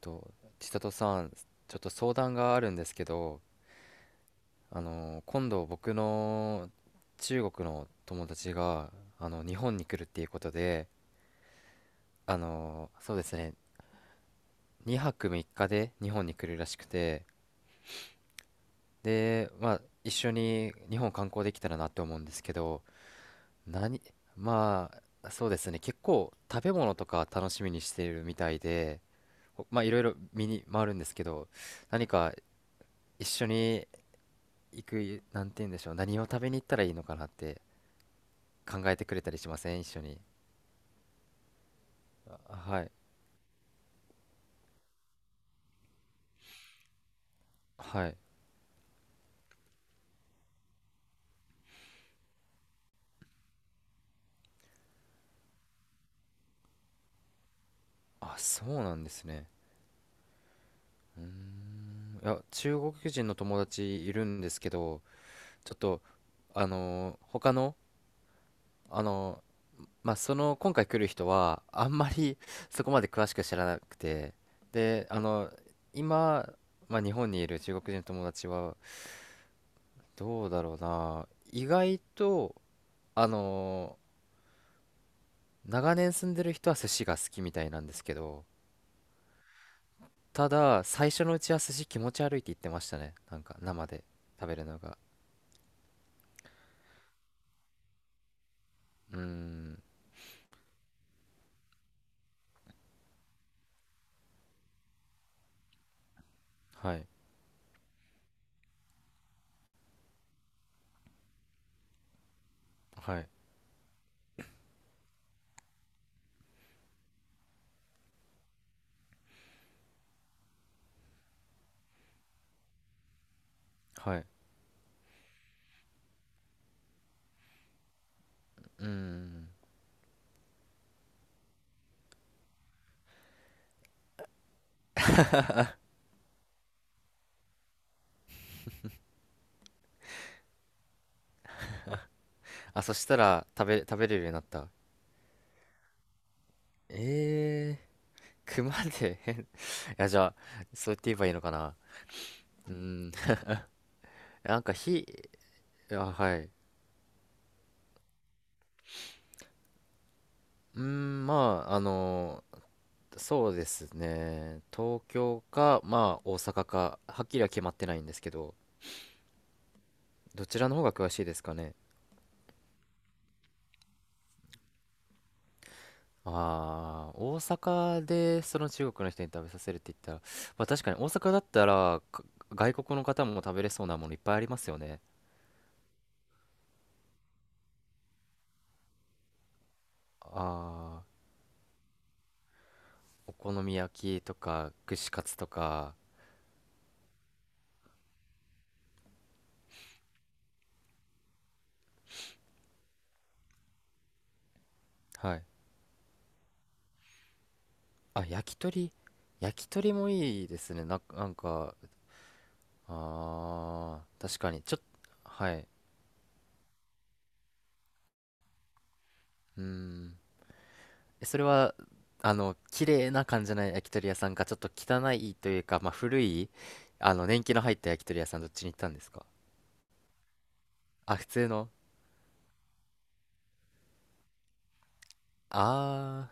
と、千里さん、ちょっと相談があるんですけど、今度僕の中国の友達が、日本に来るっていうことで、そうですね、2泊3日で日本に来るらしくて、で、まあ、一緒に日本観光できたらなって思うんですけど、何、まあ、そうですね、結構食べ物とか楽しみにしているみたいで、まあ、いろいろ見に回るんですけど、何か一緒に行く、なんて言うんでしょう、何を食べに行ったらいいのかなって考えてくれたりしません、一緒に。あはい。はい。あ、そうなんですね。いや、中国人の友達いるんですけど、ちょっと、あのー他の、あのーまあ、その、今回来る人は、あんまり そこまで詳しく知らなくて、で、今、まあ、日本にいる中国人の友達は、どうだろうな、意外と、あのー長年住んでる人は寿司が好きみたいなんですけど、ただ最初のうちは寿司気持ち悪いって言ってましたね。なんか生で食べるのが。うーん、はい、はい、はい。うーん。あ、そしたら食べれるようになった。え熊で変 いや、じゃあ、そう言って言えばいいのかな。うーん、なんかあ、はい。うーん、まあ、そうですね。東京か、まあ、大阪か、はっきりは決まってないんですけど、どちらの方が詳しいですかね。ああ、大阪でその中国の人に食べさせるって言ったら、まあ確かに大阪だったらか外国の方も食べれそうなものいっぱいありますよね。ああ、お好み焼きとか串カツとか、はい。あ、焼き鳥。焼き鳥もいいですね。ああ、確かに。ちょっと、はい。うーん。それは、綺麗な感じの焼き鳥屋さんか、ちょっと汚いというか、まあ、古い、年季の入った焼き鳥屋さん、どっちに行ったんですか？あ、普通の。あ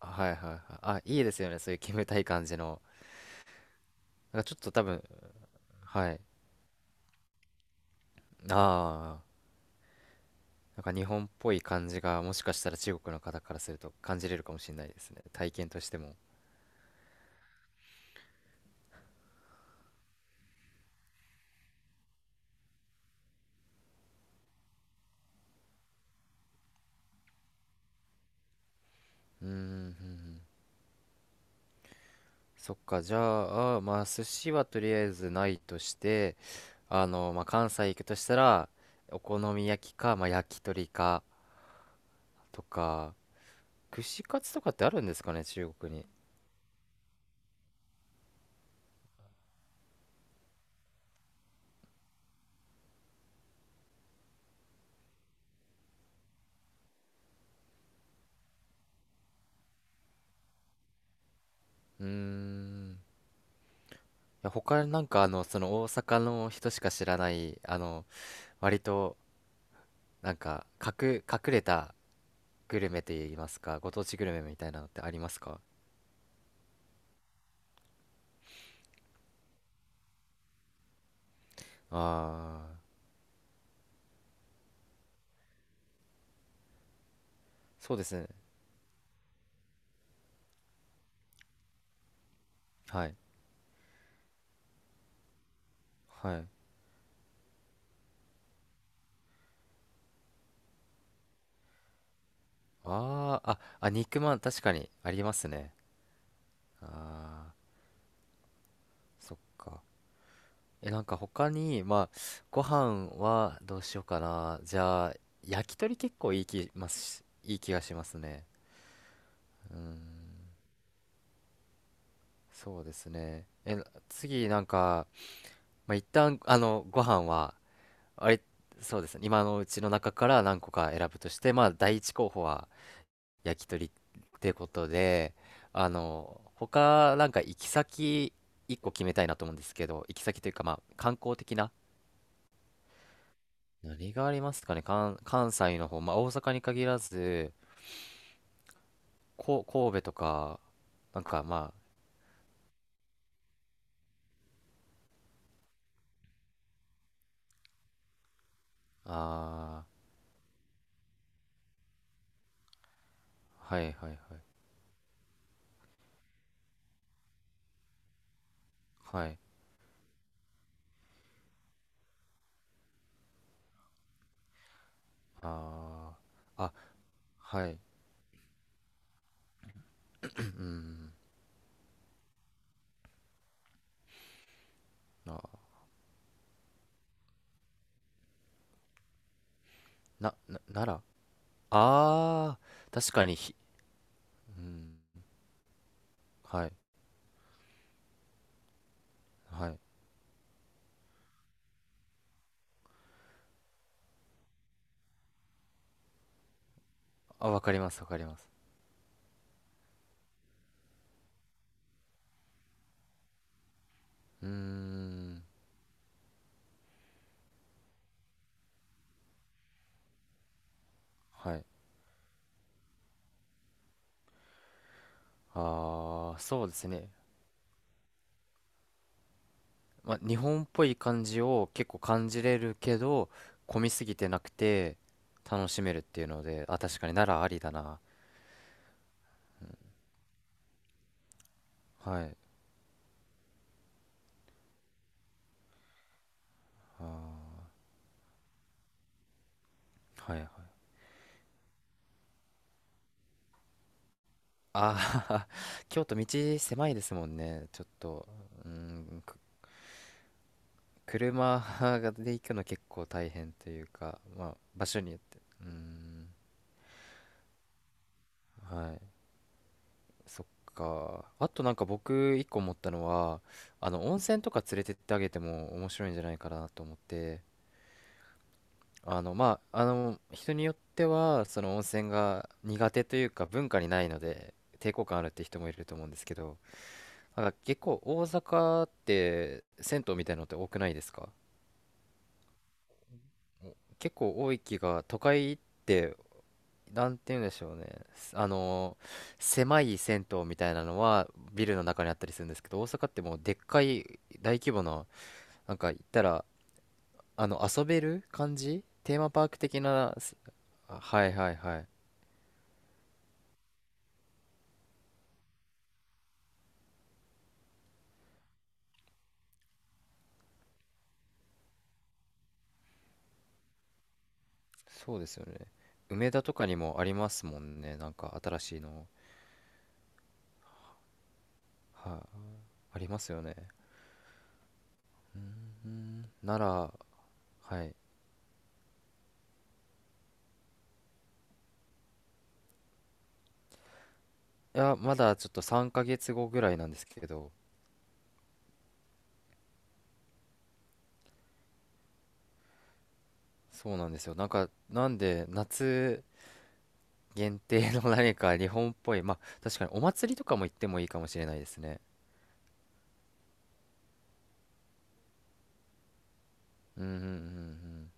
あ、はいはいはい。あ、いいですよね、そういう煙たい感じの。なんかちょっと多分、はい。ああ、なんか日本っぽい感じが、もしかしたら中国の方からすると感じれるかもしれないですね。体験としても。うーん。そっか、じゃあ、まあ、寿司はとりあえずないとして、まあ、関西行くとしたら、お好み焼きか、まあ、焼き鳥か、とか、串カツとかってあるんですかね、中国に。うーん。いや、他になんか、その大阪の人しか知らない、割と、なんか、隠れたグルメといいますか、ご当地グルメみたいなのってありますか？ああー、そうですね。はい。はい。あーあ、あ、肉まん、確かにありますね。あー、そっか。え、なんか他に、まあ、ご飯はどうしようかな。じゃあ、焼き鳥結構いい気がしますね。うーん、そうですね。え、次なんか、まあ、一旦、ご飯は、あれ、そうですね。今のうちの中から何個か選ぶとして、まあ、第一候補は焼き鳥ってことで、他、なんか行き先、一個決めたいなと思うんですけど、行き先というか、まあ、観光的な。何がありますかね、関西の方、まあ、大阪に限らず、神戸とか、なんかまあ、あー、はいはいはい、はい、あー、あ、はい、うん、あ、奈良あ確かにうん、はい、はい、あ、わかりますわかります。うーん、はい、あー、そうですね。まあ、日本っぽい感じを結構感じれるけど、混みすぎてなくて楽しめるっていうので、あ、確かに、ならありだな。はい、あー、はいはい、あー 京都、道狭いですもんね、ちょっと。うん、車で行くの結構大変というか、まあ、場所によって。うん、はい。そっか、あとなんか僕一個思ったのは、温泉とか連れてってあげても面白いんじゃないかなと思って、まあ、人によってはその温泉が苦手というか文化にないので抵抗感あるって人もいると思うんですけど、なんか結構大阪って銭湯みたいなのって多くないですか？お結構多い気が、都会って、なんて言うんでしょうね。すあの狭い銭湯みたいなのはビルの中にあったりするんですけど、大阪ってもうでっかい大規模な、なんか言ったら、遊べる感じ、テーマパーク的な、あ、はいはいはい、そうですよね。梅田とかにもありますもんね。なんか新しいの。はい、ありますよね。うん、なら、はい。いや、まだちょっと3ヶ月後ぐらいなんですけど、そうなんですよ。なんか、なんで、夏限定の 何か日本っぽい、まあ、確かにお祭りとかも行ってもいいかもしれないですね。うん、うん、うん、うん。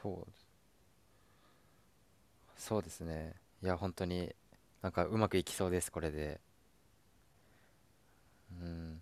そう、そうですね。いや、本当に、なんかうまくいきそうです、これで。うん。